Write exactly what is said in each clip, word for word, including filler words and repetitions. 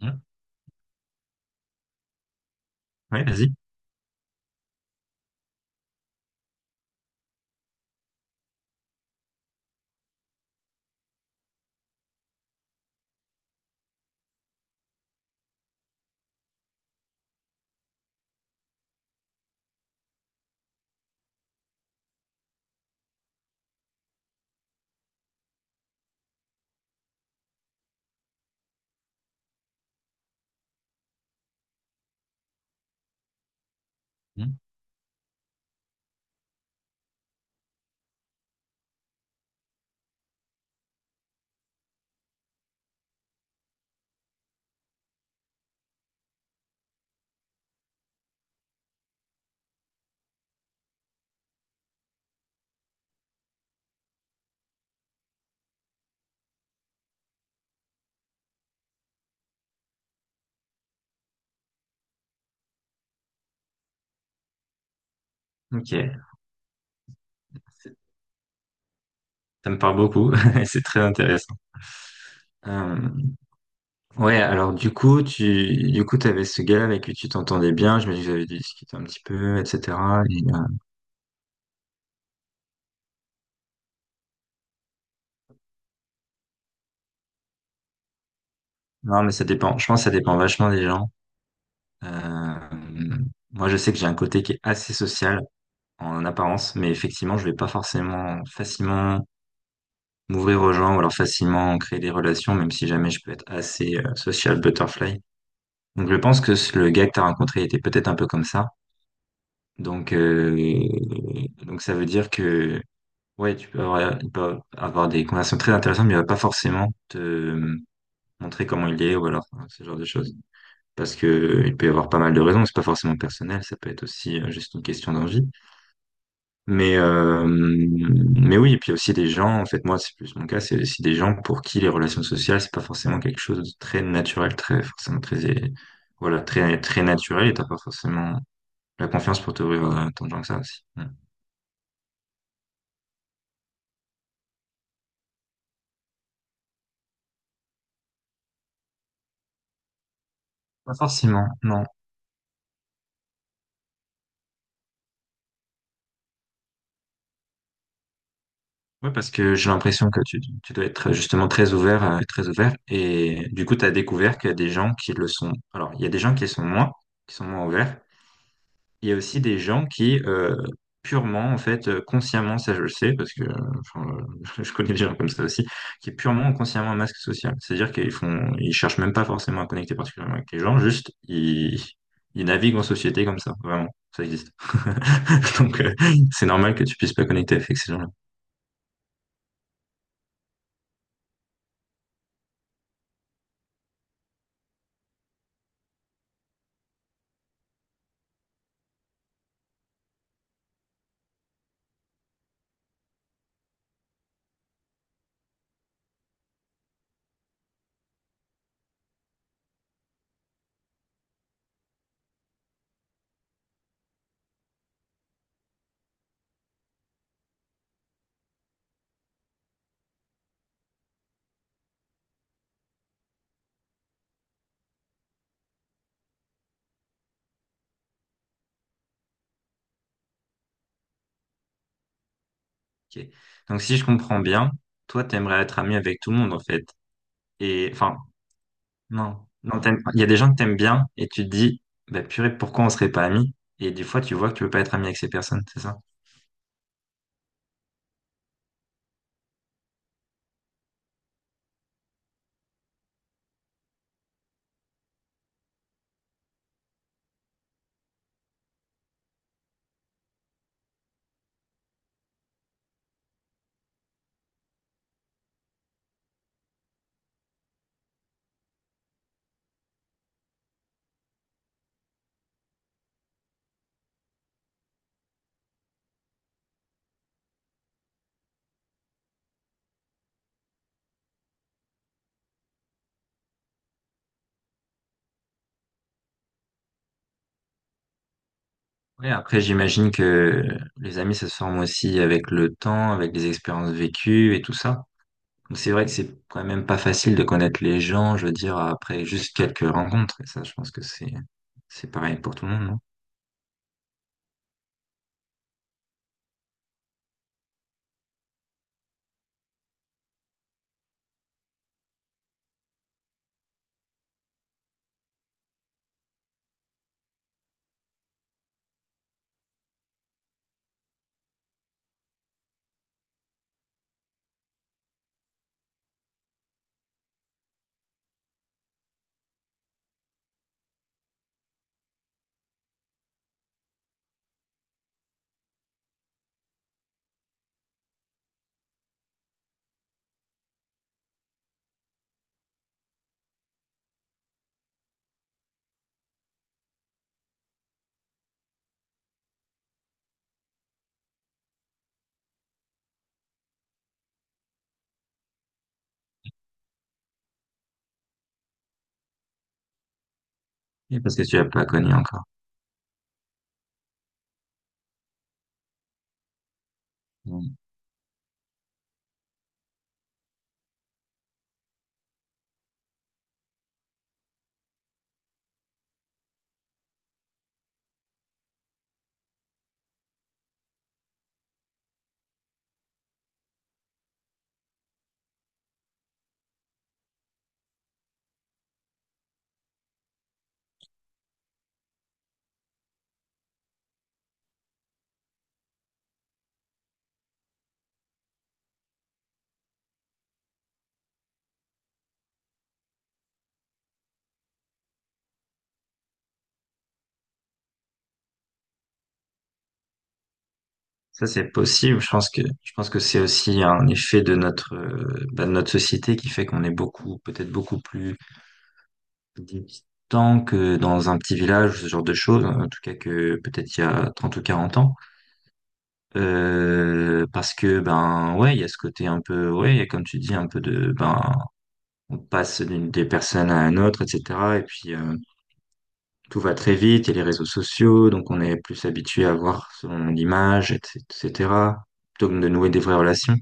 Mmh. Oui, vas-y. Mmh. Ok, ça me parle beaucoup, c'est très intéressant. Euh, ouais, alors du coup, tu, du coup, t'avais ce gars avec qui tu t'entendais bien, j'imagine que vous avez discuté un petit peu, et cetera. Et, euh, non, mais ça dépend, je pense que ça dépend vachement des gens. Euh, moi, je sais que j'ai un côté qui est assez social en apparence, mais effectivement, je vais pas forcément facilement m'ouvrir aux gens ou alors facilement créer des relations, même si jamais je peux être assez euh, social butterfly. Donc, je pense que le gars que t'as rencontré était peut-être un peu comme ça. Donc, euh, donc ça veut dire que ouais, tu peux avoir, il peut avoir des conversations très intéressantes, mais il va pas forcément te euh, montrer comment il est ou alors hein, ce genre de choses. Parce que il peut y avoir pas mal de raisons, c'est pas forcément personnel, ça peut être aussi euh, juste une question d'envie. Mais euh, mais oui, et puis aussi des gens, en fait moi c'est plus mon cas, c'est aussi des gens pour qui les relations sociales c'est pas forcément quelque chose de très naturel, très forcément très euh, voilà très très naturel et t'as pas forcément la confiance pour t'ouvrir à tant de gens que ça aussi. Hmm. Pas forcément, non. Ouais, parce que j'ai l'impression que tu, tu dois être justement très ouvert, euh, très ouvert. Et du coup, tu as découvert qu'il y a des gens qui le sont. Alors, il y a des gens qui sont moins, qui sont moins ouverts. Il y a aussi des gens qui, euh, purement, en fait, euh, consciemment, ça je le sais, parce que euh, enfin, euh, je connais des gens comme ça aussi, qui purement ont consciemment un masque social. C'est-à-dire qu'ils font, ils cherchent même pas forcément à connecter particulièrement avec les gens, juste ils, ils naviguent en société comme ça, vraiment. Ça existe. Donc, euh, c'est normal que tu puisses pas connecter avec ces gens-là. Ok. Donc, si je comprends bien, toi, t'aimerais être ami avec tout le monde, en fait. Et, enfin, non. Non, t'aimes- il y a des gens que t'aimes bien et tu te dis, bah, purée, pourquoi on serait pas amis? Et des fois, tu vois que tu veux pas être ami avec ces personnes, c'est ça? Ouais, après, j'imagine que les amis, ça se forme aussi avec le temps, avec les expériences vécues et tout ça. Donc, c'est vrai que c'est quand même pas facile de connaître les gens, je veux dire, après juste quelques rencontres. Et ça, je pense que c'est, c'est pareil pour tout le monde, non? Et parce que tu l'as pas connu encore. Ça, c'est possible. Je pense que, je pense que c'est aussi un effet de notre, euh, bah, de notre société qui fait qu'on est beaucoup, peut-être beaucoup plus distant que dans un petit village, ce genre de choses, en tout cas que peut-être il y a trente ou quarante ans. Euh, parce que, ben, ouais, il y a ce côté un peu, ouais, il y a, comme tu dis, un peu de, ben, on passe d'une, des personnes à une autre, et cetera. Et puis, euh, Tout va très vite, il y a les réseaux sociaux, donc on est plus habitué à voir son image, et- etc., plutôt que de nouer des vraies relations.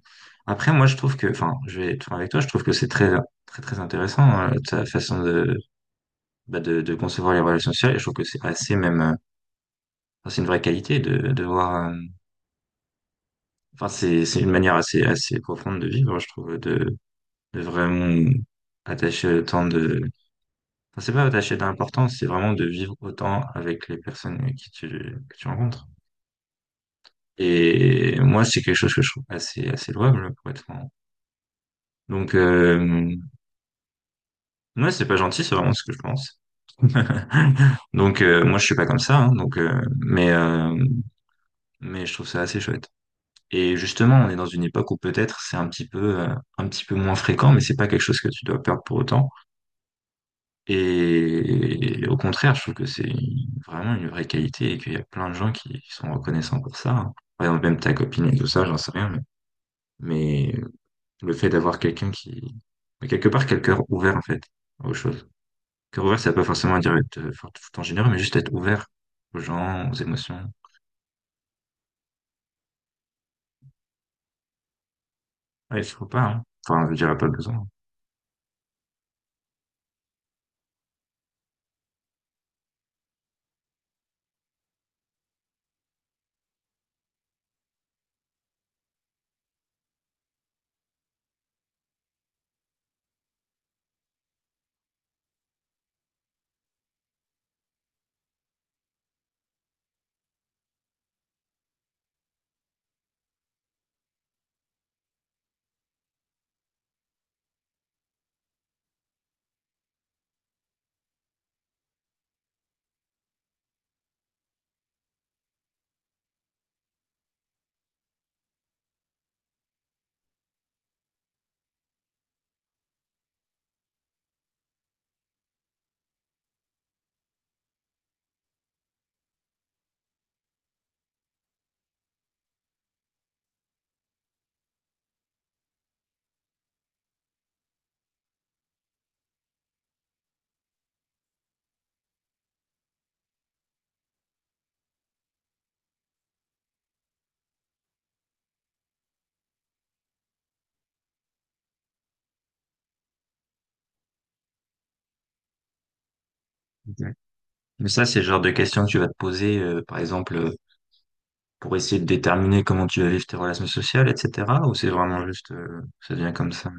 Après, moi, je trouve que, enfin, je vais être franc avec toi, je trouve que c'est très, très, très intéressant, hein, ta façon de, bah, de, de concevoir les relations sociales, et je trouve que c'est assez même, euh, enfin, c'est une vraie qualité de, de voir, euh, enfin, c'est, c'est une manière assez, assez profonde de vivre, je trouve, de, de vraiment attacher autant de, enfin, c'est pas attacher d'importance, c'est vraiment de vivre autant avec les personnes qui tu, que tu rencontres. Et moi, c'est quelque chose que je trouve assez, assez louable, pour être franc. Donc, euh, ouais, c'est pas gentil, c'est vraiment ce que je pense. Donc, euh, moi, je suis pas comme ça, hein, donc, euh, mais, euh, mais je trouve ça assez chouette. Et justement, on est dans une époque où peut-être c'est un petit peu, euh, un petit peu moins fréquent, mais c'est pas quelque chose que tu dois perdre pour autant. Et, au contraire, je trouve que c'est vraiment une vraie qualité et qu'il y a plein de gens qui, qui sont reconnaissants pour ça, hein. Par exemple, même ta copine et tout ça, j'en sais rien, mais, mais Le fait d'avoir quelqu'un qui... mais quelque part, quel cœur ouvert, en fait, aux choses. Cœur ouvert, ça veut pas forcément dire être euh, fort- tout en généreux, mais juste être ouvert aux gens, aux émotions. Ouais, il faut pas, hein. Enfin, je veux dire, pas besoin. Exact. Mais ça, c'est le genre de questions que tu vas te poser, euh, par exemple, euh, pour essayer de déterminer comment tu vas vivre tes relations sociales, et cetera. Ou c'est vraiment juste, euh, ça devient comme ça.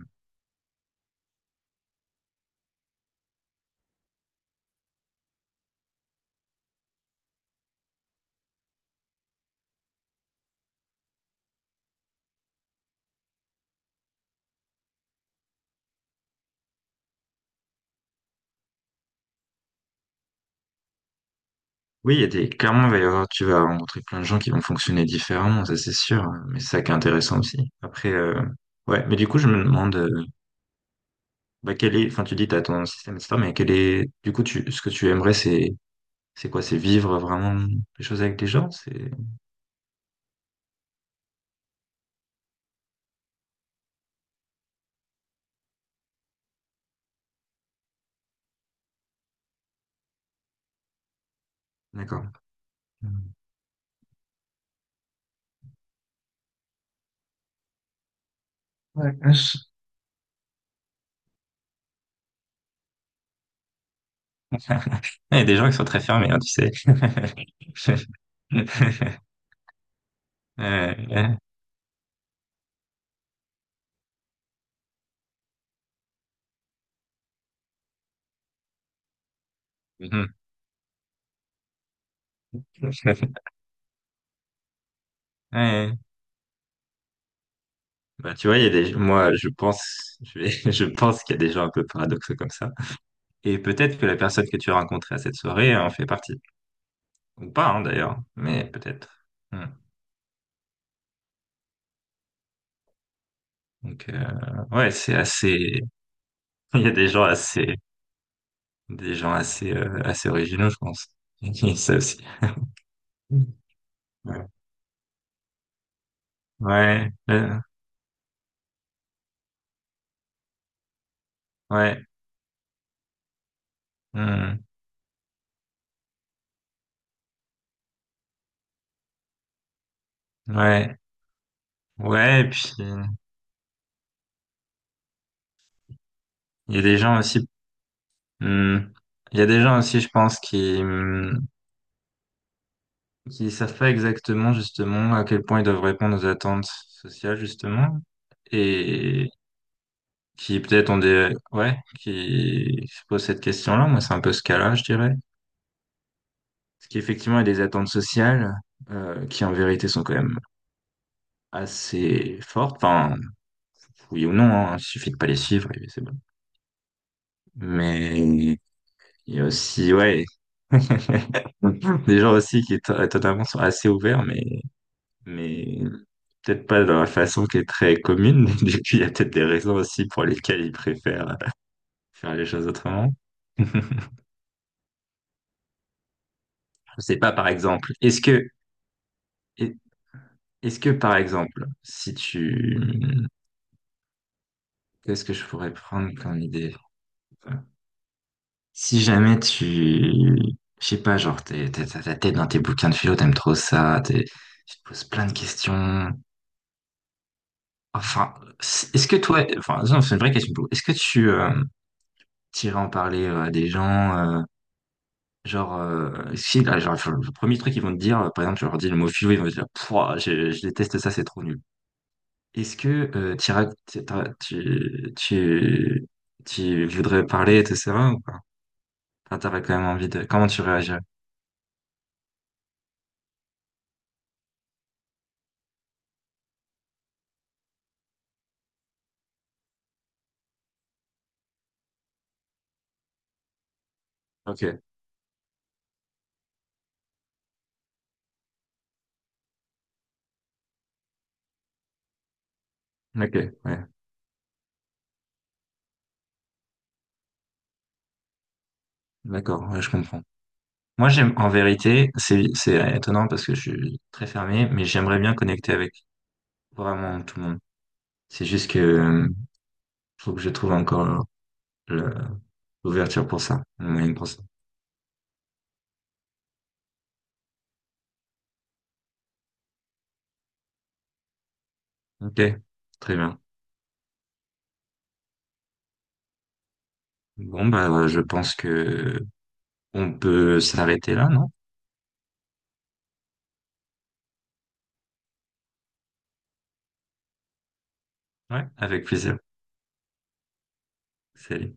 Oui, il y a des, clairement, il va y avoir, tu vas rencontrer plein de gens qui vont fonctionner différemment, ça c'est sûr, hein, mais c'est ça qui est intéressant aussi. Après, euh, ouais, mais du coup, je me demande, euh, Bah, quel est, enfin, tu dis, t'as ton système, et cetera, mais quel est, du coup, tu, ce que tu aimerais, c'est, c'est, quoi? C'est vivre vraiment les choses avec des gens? C'est, d'accord. Ouais, je- Il y a des gens qui sont très fermés, hein, tu sais. Ouais, ouais. Ouais. Bah, tu vois, il y a des, moi, je pense, je vais- je pense qu'il y a des gens un peu paradoxaux comme ça. Et peut-être que la personne que tu as rencontrée à cette soirée en fait partie. Ou pas, hein, d'ailleurs, mais peut-être. Hmm. Donc, euh, ouais, c'est assez, il y a des gens assez des gens assez, euh, assez originaux, je pense. Ça aussi. Ouais, ouais, euh, ouais, hmm, ouais, ouais, et puis il y a des gens aussi, hmm, il y a des gens aussi, je pense, qui hmm, qui savent pas exactement justement à quel point ils doivent répondre aux attentes sociales justement, et qui peut-être ont des, ouais, qui se posent cette question-là. Moi, c'est un peu ce cas-là, je dirais, parce qu'effectivement, il y a des attentes sociales euh, qui en vérité sont quand même assez fortes. Enfin, oui ou non, hein, il suffit de pas les suivre et c'est bon. Mais il y a aussi, ouais, des gens aussi qui to- totalement sont assez ouverts, mais, mais peut-être pas dans la façon qui est très commune. Du coup, il y a peut-être des raisons aussi pour lesquelles ils préfèrent faire les choses autrement. Je sais pas, par exemple, est-ce que, est- est-ce que, par exemple, si tu, qu'est-ce que je pourrais prendre comme idée? Enfin, Si jamais tu, je sais pas, genre, t'es, t'es- t'as ta tête dans tes bouquins de philo, t'aimes trop ça, t'es- tu te poses plein de questions. Enfin, c- est-ce que toi, enfin, non, c'est une vraie question. Pour vous. Est-ce que tu euh, t'irais en parler euh, à des gens, euh, genre, euh, si, là, genre, le le premier truc qu'ils vont te dire, euh, par exemple, tu leur dis le mot philo, ils vont te dire, Pouah, je, je déteste ça, c'est trop nul. Est-ce que euh, t'iras- t'iras- tu, tu, tu voudrais parler, et cetera, ou pas? Enfin, t'aurais quand même envie de, comment tu réagirais? Ok, ok, ouais. D'accord, ouais, je comprends. Moi, j'aime, en vérité, c'est, c'est étonnant parce que je suis très fermé, mais j'aimerais bien connecter avec vraiment tout le monde. C'est juste que, euh, faut que je trouve encore le- l'ouverture pour ça, le moyen pour ça. Ok, très bien. Bon, bah, je pense que on peut s'arrêter là, non? Ouais, avec plaisir. Salut.